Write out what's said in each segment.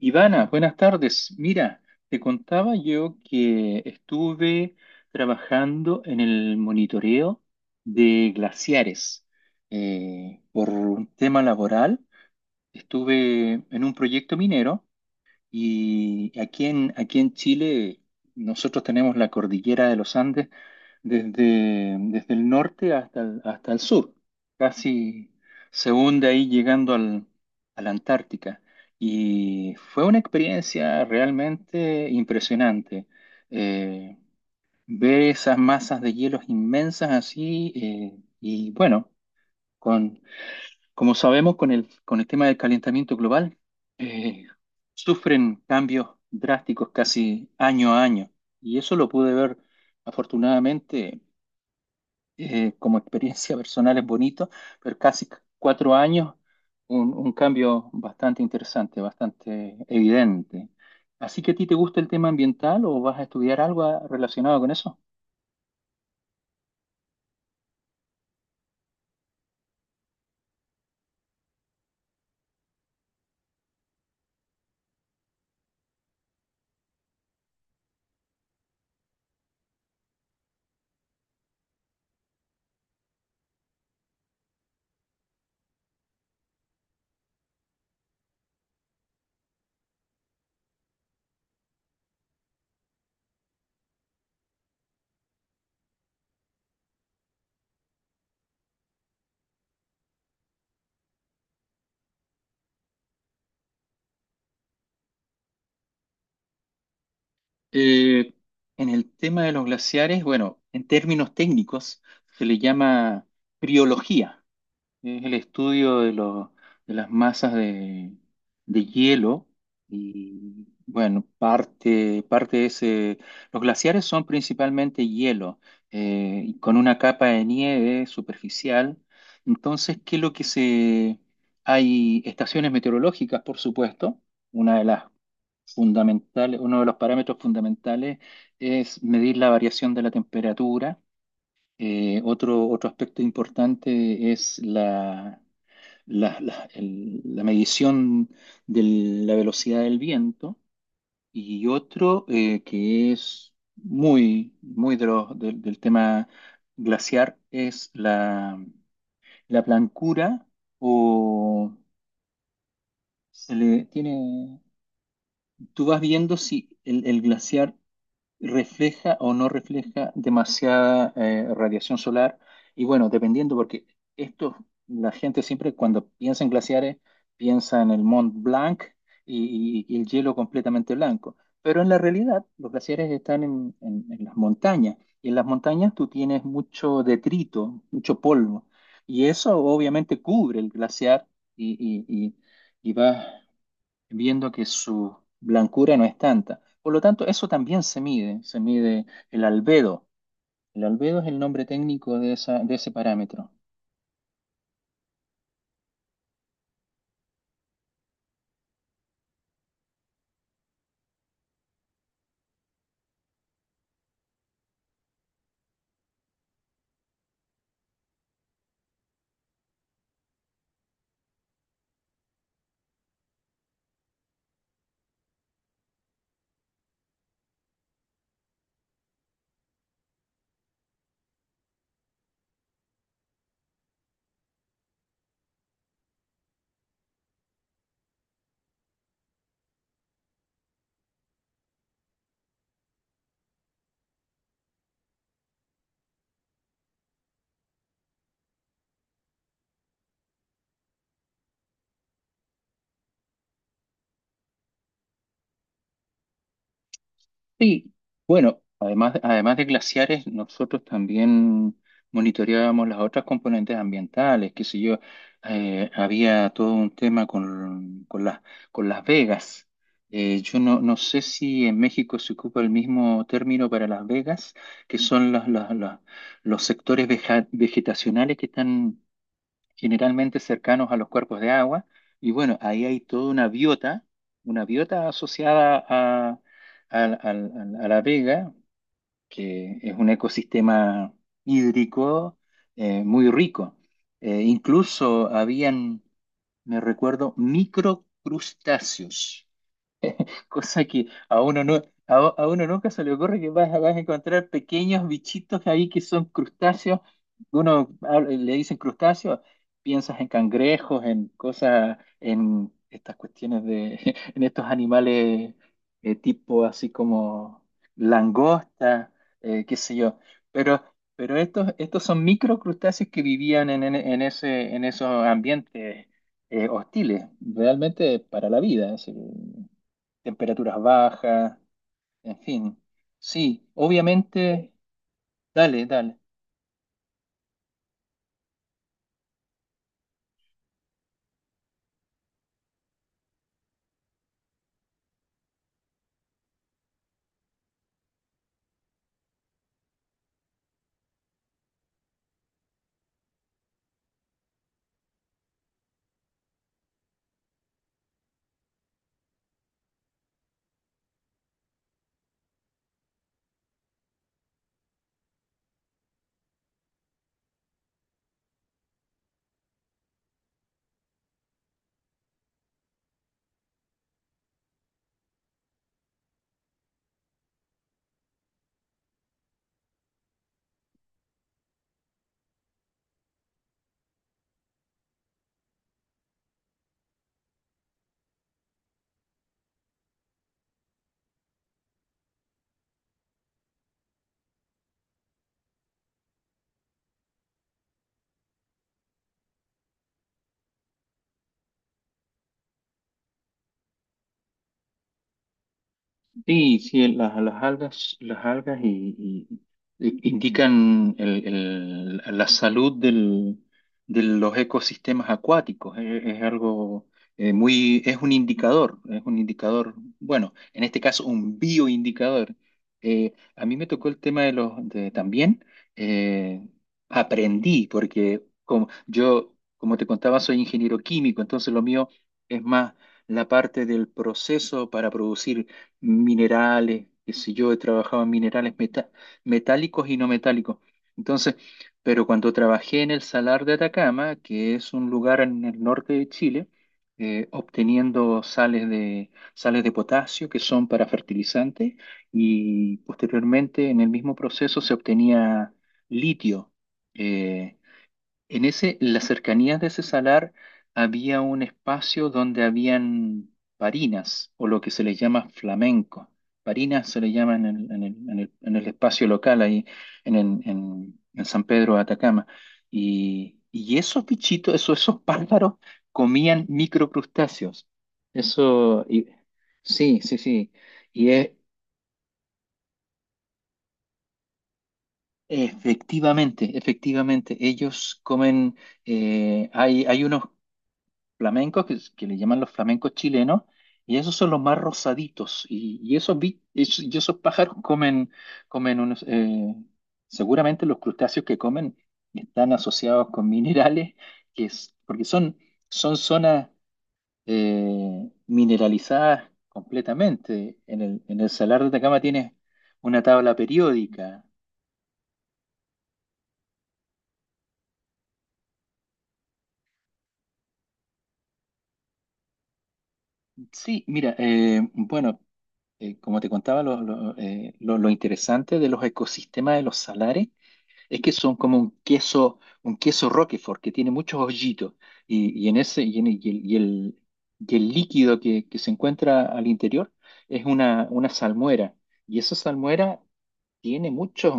Ivana, buenas tardes. Mira, te contaba yo que estuve trabajando en el monitoreo de glaciares. Por un tema laboral, estuve en un proyecto minero y aquí en Chile nosotros tenemos la cordillera de los Andes desde el norte hasta el sur. Casi se hunde ahí llegando a la Antártica. Y fue una experiencia realmente impresionante. Eh, Ver esas masas de hielos inmensas así y bueno, con como sabemos, con el tema del calentamiento global, eh, sufren cambios drásticos casi año a año. Y eso lo pude ver, afortunadamente, como experiencia personal es bonito, pero casi cuatro años, un cambio bastante interesante, bastante evidente. Así que a ti te gusta el tema ambiental o vas a estudiar algo relacionado con eso? Eh, en el tema de los glaciares, bueno, en términos técnicos se le llama criología. Es el estudio de las masas de hielo y bueno, parte de ese... Los glaciares son principalmente hielo, y con una capa de nieve superficial. Entonces, ¿qué es lo que se...? Hay estaciones meteorológicas, por supuesto. Una de las fundamentales, Uno de los parámetros fundamentales es medir la variación de la temperatura. Otro aspecto importante es la medición de la velocidad del viento, y otro que es muy de del tema glaciar es la blancura o se le tiene, tú vas viendo si el glaciar refleja o no refleja demasiada radiación solar. Y bueno, dependiendo, porque esto, la gente siempre cuando piensa en glaciares, piensa en el Mont Blanc y el hielo completamente blanco. Pero en la realidad, los glaciares están en las montañas. Y en las montañas tú tienes mucho detrito, mucho polvo. Y eso obviamente cubre el glaciar y, y, y va viendo que su blancura no es tanta. Por lo tanto, eso también se mide el albedo. El albedo es el nombre técnico de esa, de ese parámetro. Sí, bueno, además de glaciares, nosotros también monitoreábamos las otras componentes ambientales, qué sé yo, había todo un tema con Las Vegas. Yo no sé si en México se ocupa el mismo término para Las Vegas, que son los sectores vegetacionales que están generalmente cercanos a los cuerpos de agua. Y bueno, ahí hay toda una biota asociada al- al- a la vega, que es un ecosistema hídrico muy rico. Incluso habían, me recuerdo, microcrustáceos. cosa que a uno no, A, uno nunca se le ocurre que vas a encontrar pequeños bichitos ahí que son crustáceos. Le dicen crustáceos, piensas en cangrejos, en cosas, en estas cuestiones de, en estos animales tipo así como langosta, qué sé yo. Pero, pero estos, estos son microcrustáceos que vivían en en esos ambientes hostiles, realmente para la vida. Así temperaturas bajas, en fin. Sí, obviamente, dale, dale. Sí, sí, las algas, y- indican la salud de los ecosistemas acuáticos. Es algo es un indicador, bueno, en este caso un bioindicador. A mí me tocó el tema de también eh, aprendí porque como, yo, como te contaba, soy ingeniero químico, entonces lo mío es más la parte del proceso para producir minerales, qué sé yo, he trabajado en minerales metálicos y no metálicos. Entonces, pero cuando trabajé en el Salar de Atacama, que es un lugar en el norte de Chile, obteniendo sales sales de potasio que son para fertilizantes, y posteriormente en el mismo proceso se obtenía litio. eh, en las cercanías de ese salar había un espacio donde habían parinas, o lo que se les llama flamenco. Parinas se le llama en el espacio local ahí en San Pedro de Atacama. Y esos bichitos, esos, esos pájaros comían microcrustáceos. Eso, y- sí, sí, sí. Y es, efectivamente, efectivamente, ellos comen hay, hay unos, flamencos que le llaman los flamencos chilenos, y esos son los más rosaditos, y esos, y esos pájaros comen, comen unos, seguramente los crustáceos que comen están asociados con minerales, que es, porque son, son zonas mineralizadas completamente. En el Salar de Atacama tienes una tabla periódica. Sí, mira, bueno como te contaba, lo interesante de los ecosistemas de los salares es que son como un queso Roquefort que tiene muchos hoyitos, y en ese y, en- y el, y el- y el líquido que se encuentra al interior es una salmuera, y esa salmuera tiene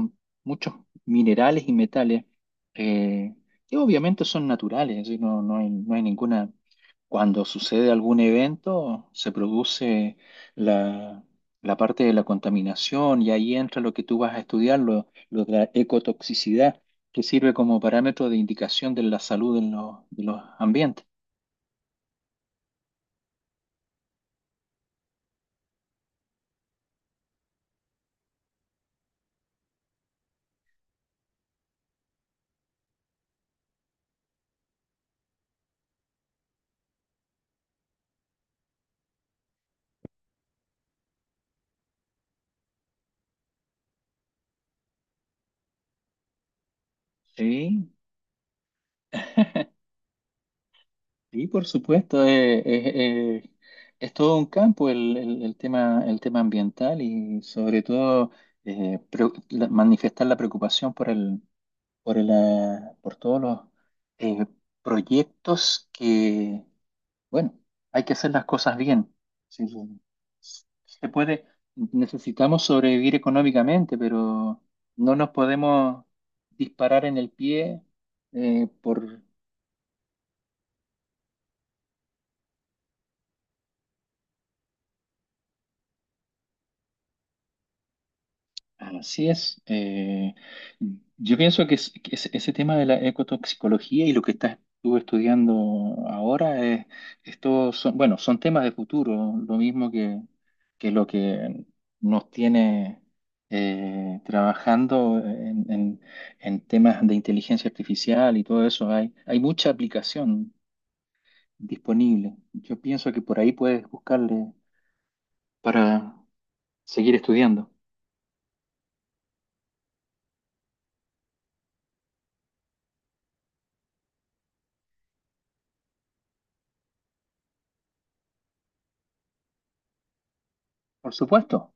muchos minerales y metales, eh, que obviamente son naturales, es decir, no hay, no hay ninguna. Cuando sucede algún evento, se produce la, la parte de la contaminación y ahí entra lo que tú vas a estudiar, lo de la ecotoxicidad, que sirve como parámetro de indicación de la salud en de los ambientes. Sí, y por supuesto, eh, es todo un campo el tema ambiental, y sobre todo eh, pre- manifestar la preocupación por el, por todos los eh, proyectos que, bueno, hay que hacer las cosas bien. Sí, sí. Se puede, necesitamos sobrevivir económicamente, pero no nos podemos disparar en el pie por... Así es. Yo pienso que, que ese tema de la ecotoxicología y lo que estás tú estudiando ahora, es, estos son, bueno, son temas de futuro, lo mismo que lo que nos tiene trabajando en temas de inteligencia artificial y todo eso. Hay mucha aplicación disponible. Yo pienso que por ahí puedes buscarle para seguir estudiando. Por supuesto.